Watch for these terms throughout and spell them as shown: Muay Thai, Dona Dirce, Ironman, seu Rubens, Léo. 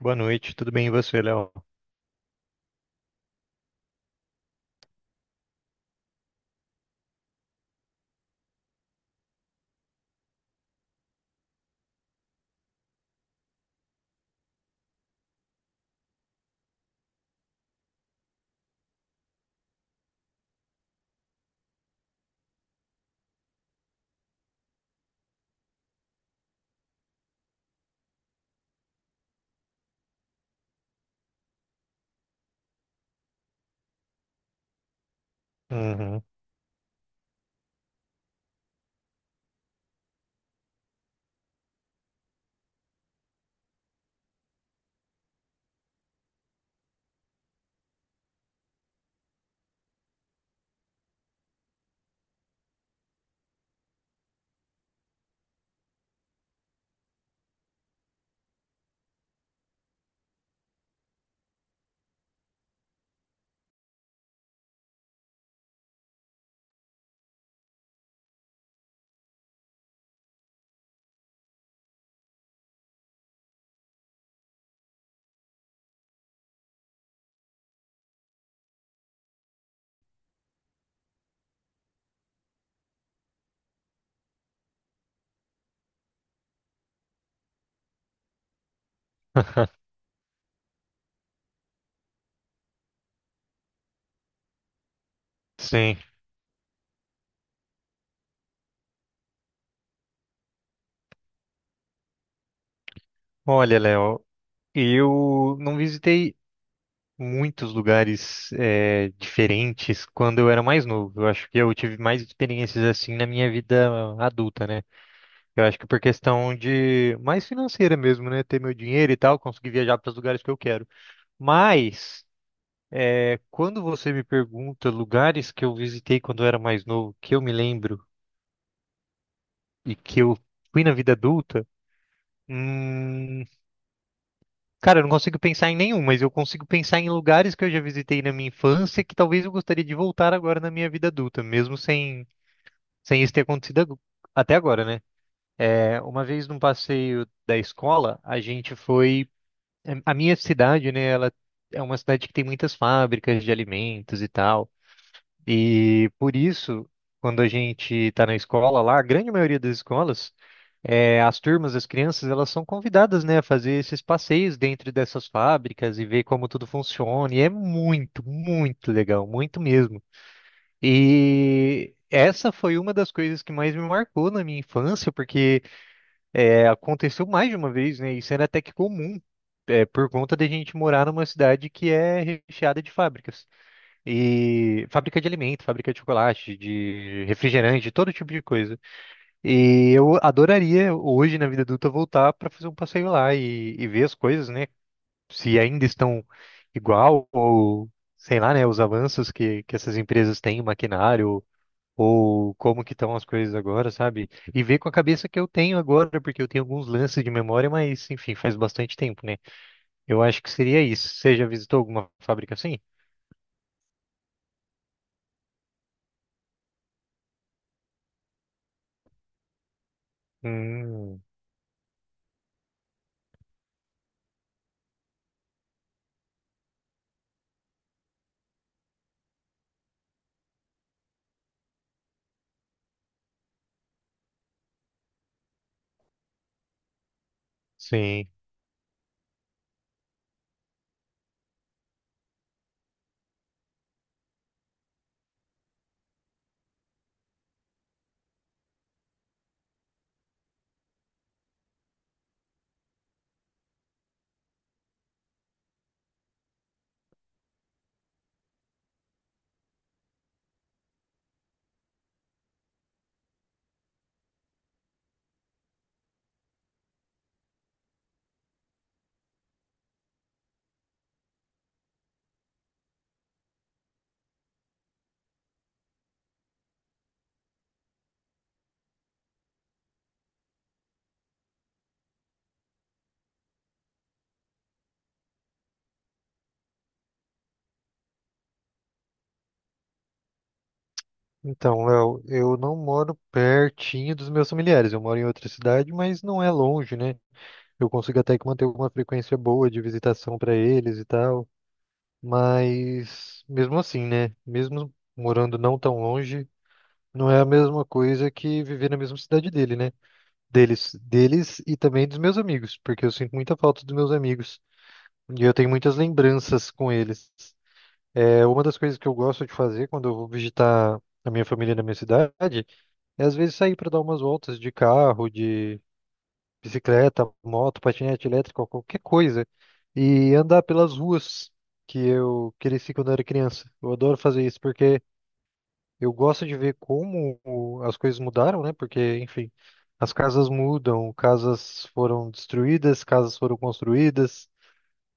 Boa noite, tudo bem e você, Léo? Uhum. Sim. Olha, Léo, eu não visitei muitos lugares diferentes quando eu era mais novo. Eu acho que eu tive mais experiências assim na minha vida adulta, né? Eu acho que por questão de mais financeira mesmo, né? Ter meu dinheiro e tal, conseguir viajar para os lugares que eu quero. Mas quando você me pergunta lugares que eu visitei quando eu era mais novo, que eu me lembro e que eu fui na vida adulta, hum, cara, eu não consigo pensar em nenhum, mas eu consigo pensar em lugares que eu já visitei na minha infância que talvez eu gostaria de voltar agora na minha vida adulta, mesmo sem, sem isso ter acontecido agu- até agora, né? É, uma vez num passeio da escola, a gente foi. A minha cidade, né? Ela é uma cidade que tem muitas fábricas de alimentos e tal. E por isso, quando a gente tá na escola lá, a grande maioria das escolas. As turmas, as crianças, elas são convidadas, né, a fazer esses passeios dentro dessas fábricas e ver como tudo funciona. E é muito, muito legal, muito mesmo. E essa foi uma das coisas que mais me marcou na minha infância, porque aconteceu mais de uma vez, né? Isso era até que comum, por conta de a gente morar numa cidade que é recheada de fábricas. E fábrica de alimento, fábrica de chocolate, de refrigerante, de todo tipo de coisa. E eu adoraria hoje, na vida adulta, voltar para fazer um passeio lá e ver as coisas, né? Se ainda estão igual ou, sei lá, né? Os avanços que essas empresas têm, maquinário, ou como que estão as coisas agora, sabe? E ver com a cabeça que eu tenho agora, porque eu tenho alguns lances de memória, mas, enfim, faz bastante tempo, né? Eu acho que seria isso. Você já visitou alguma fábrica assim? Hum, sim. Então, Léo, eu não moro pertinho dos meus familiares. Eu moro em outra cidade, mas não é longe, né? Eu consigo até que manter uma frequência boa de visitação para eles e tal. Mas mesmo assim, né? Mesmo morando não tão longe, não é a mesma coisa que viver na mesma cidade dele, né? Deles, deles e também dos meus amigos, porque eu sinto muita falta dos meus amigos e eu tenho muitas lembranças com eles. É uma das coisas que eu gosto de fazer quando eu vou visitar a minha família na minha cidade. E às vezes sair para dar umas voltas de carro, de bicicleta, moto, patinete elétrico, qualquer coisa. E andar pelas ruas que eu cresci quando eu era criança. Eu adoro fazer isso porque eu gosto de ver como as coisas mudaram, né? Porque, enfim, as casas mudam, casas foram destruídas, casas foram construídas.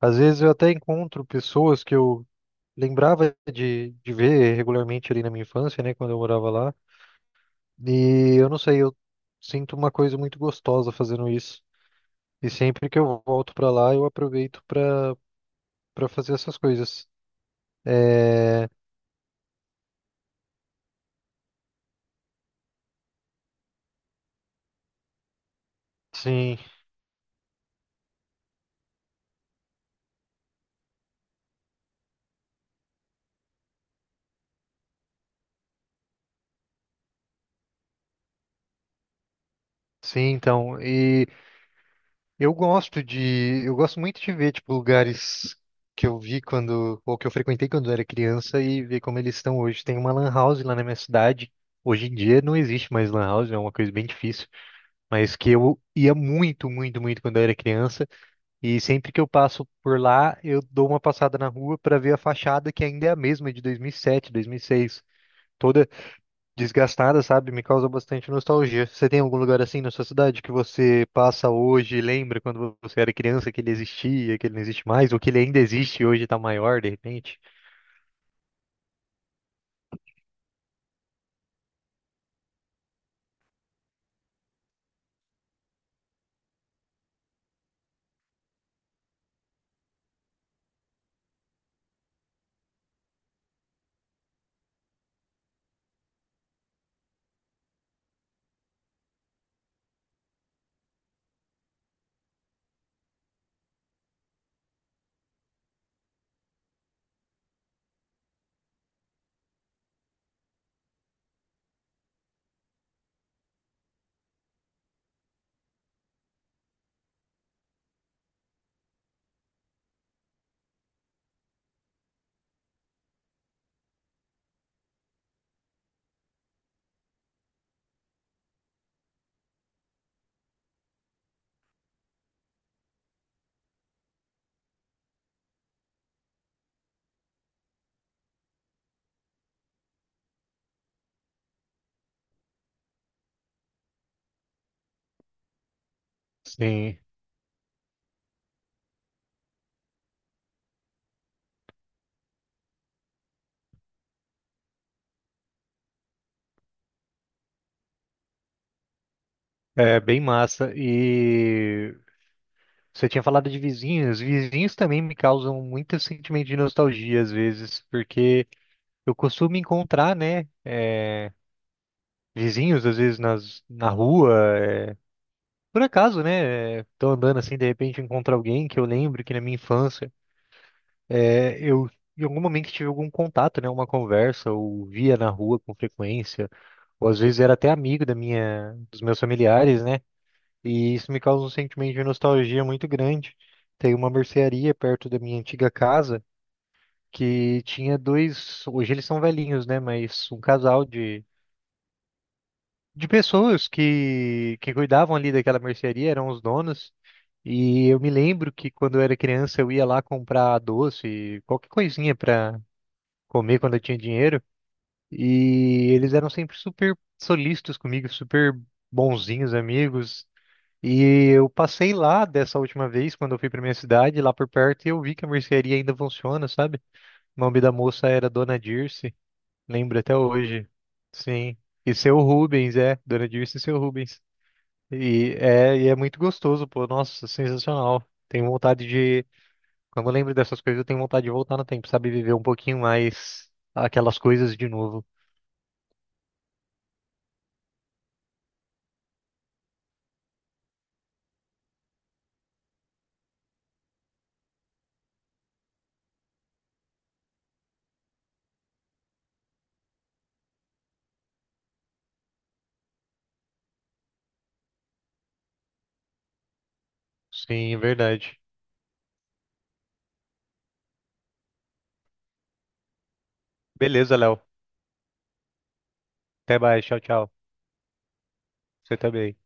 Às vezes eu até encontro pessoas que eu lembrava de ver regularmente ali na minha infância, né? Quando eu morava lá. E eu não sei, eu sinto uma coisa muito gostosa fazendo isso. E sempre que eu volto pra lá, eu aproveito pra para fazer essas coisas. É, sim, sim, então. E eu gosto muito de ver tipo lugares que eu vi quando ou que eu frequentei quando eu era criança e ver como eles estão hoje. Tem uma lan house lá na minha cidade. Hoje em dia não existe mais lan house, é uma coisa bem difícil, mas que eu ia muito, muito, muito quando eu era criança. E sempre que eu passo por lá, eu dou uma passada na rua para ver a fachada que ainda é a mesma, é de 2007, 2006, toda desgastada, sabe? Me causa bastante nostalgia. Você tem algum lugar assim na sua cidade que você passa hoje, e lembra quando você era criança que ele existia, que ele não existe mais, ou que ele ainda existe e hoje tá maior de repente? Sim, é bem massa. E você tinha falado de vizinhos. Vizinhos também me causam muito sentimento de nostalgia às vezes, porque eu costumo encontrar, né? Vizinhos, às vezes na rua. Por acaso, né? Tô andando assim, de repente encontro alguém que eu lembro que na minha infância eu em algum momento tive algum contato, né? Uma conversa, ou via na rua com frequência, ou às vezes era até amigo dos meus familiares, né? E isso me causa um sentimento de nostalgia muito grande. Tem uma mercearia perto da minha antiga casa que tinha dois, hoje eles são velhinhos, né? Mas um casal de pessoas que cuidavam ali daquela mercearia, eram os donos. E eu me lembro que quando eu era criança eu ia lá comprar doce, qualquer coisinha pra comer quando eu tinha dinheiro. E eles eram sempre super solícitos comigo, super bonzinhos, amigos. E eu passei lá dessa última vez, quando eu fui pra minha cidade, lá por perto, e eu vi que a mercearia ainda funciona, sabe? O nome da moça era Dona Dirce, lembro até hoje. Sim. E seu Rubens, é, Dona Dirce e seu Rubens. E é muito gostoso, pô. Nossa, sensacional. Tenho vontade de. Quando eu lembro dessas coisas, eu tenho vontade de voltar no tempo, sabe? Viver um pouquinho mais aquelas coisas de novo. Sim, é verdade. Beleza, Léo. Até mais. Tchau, tchau. Você também.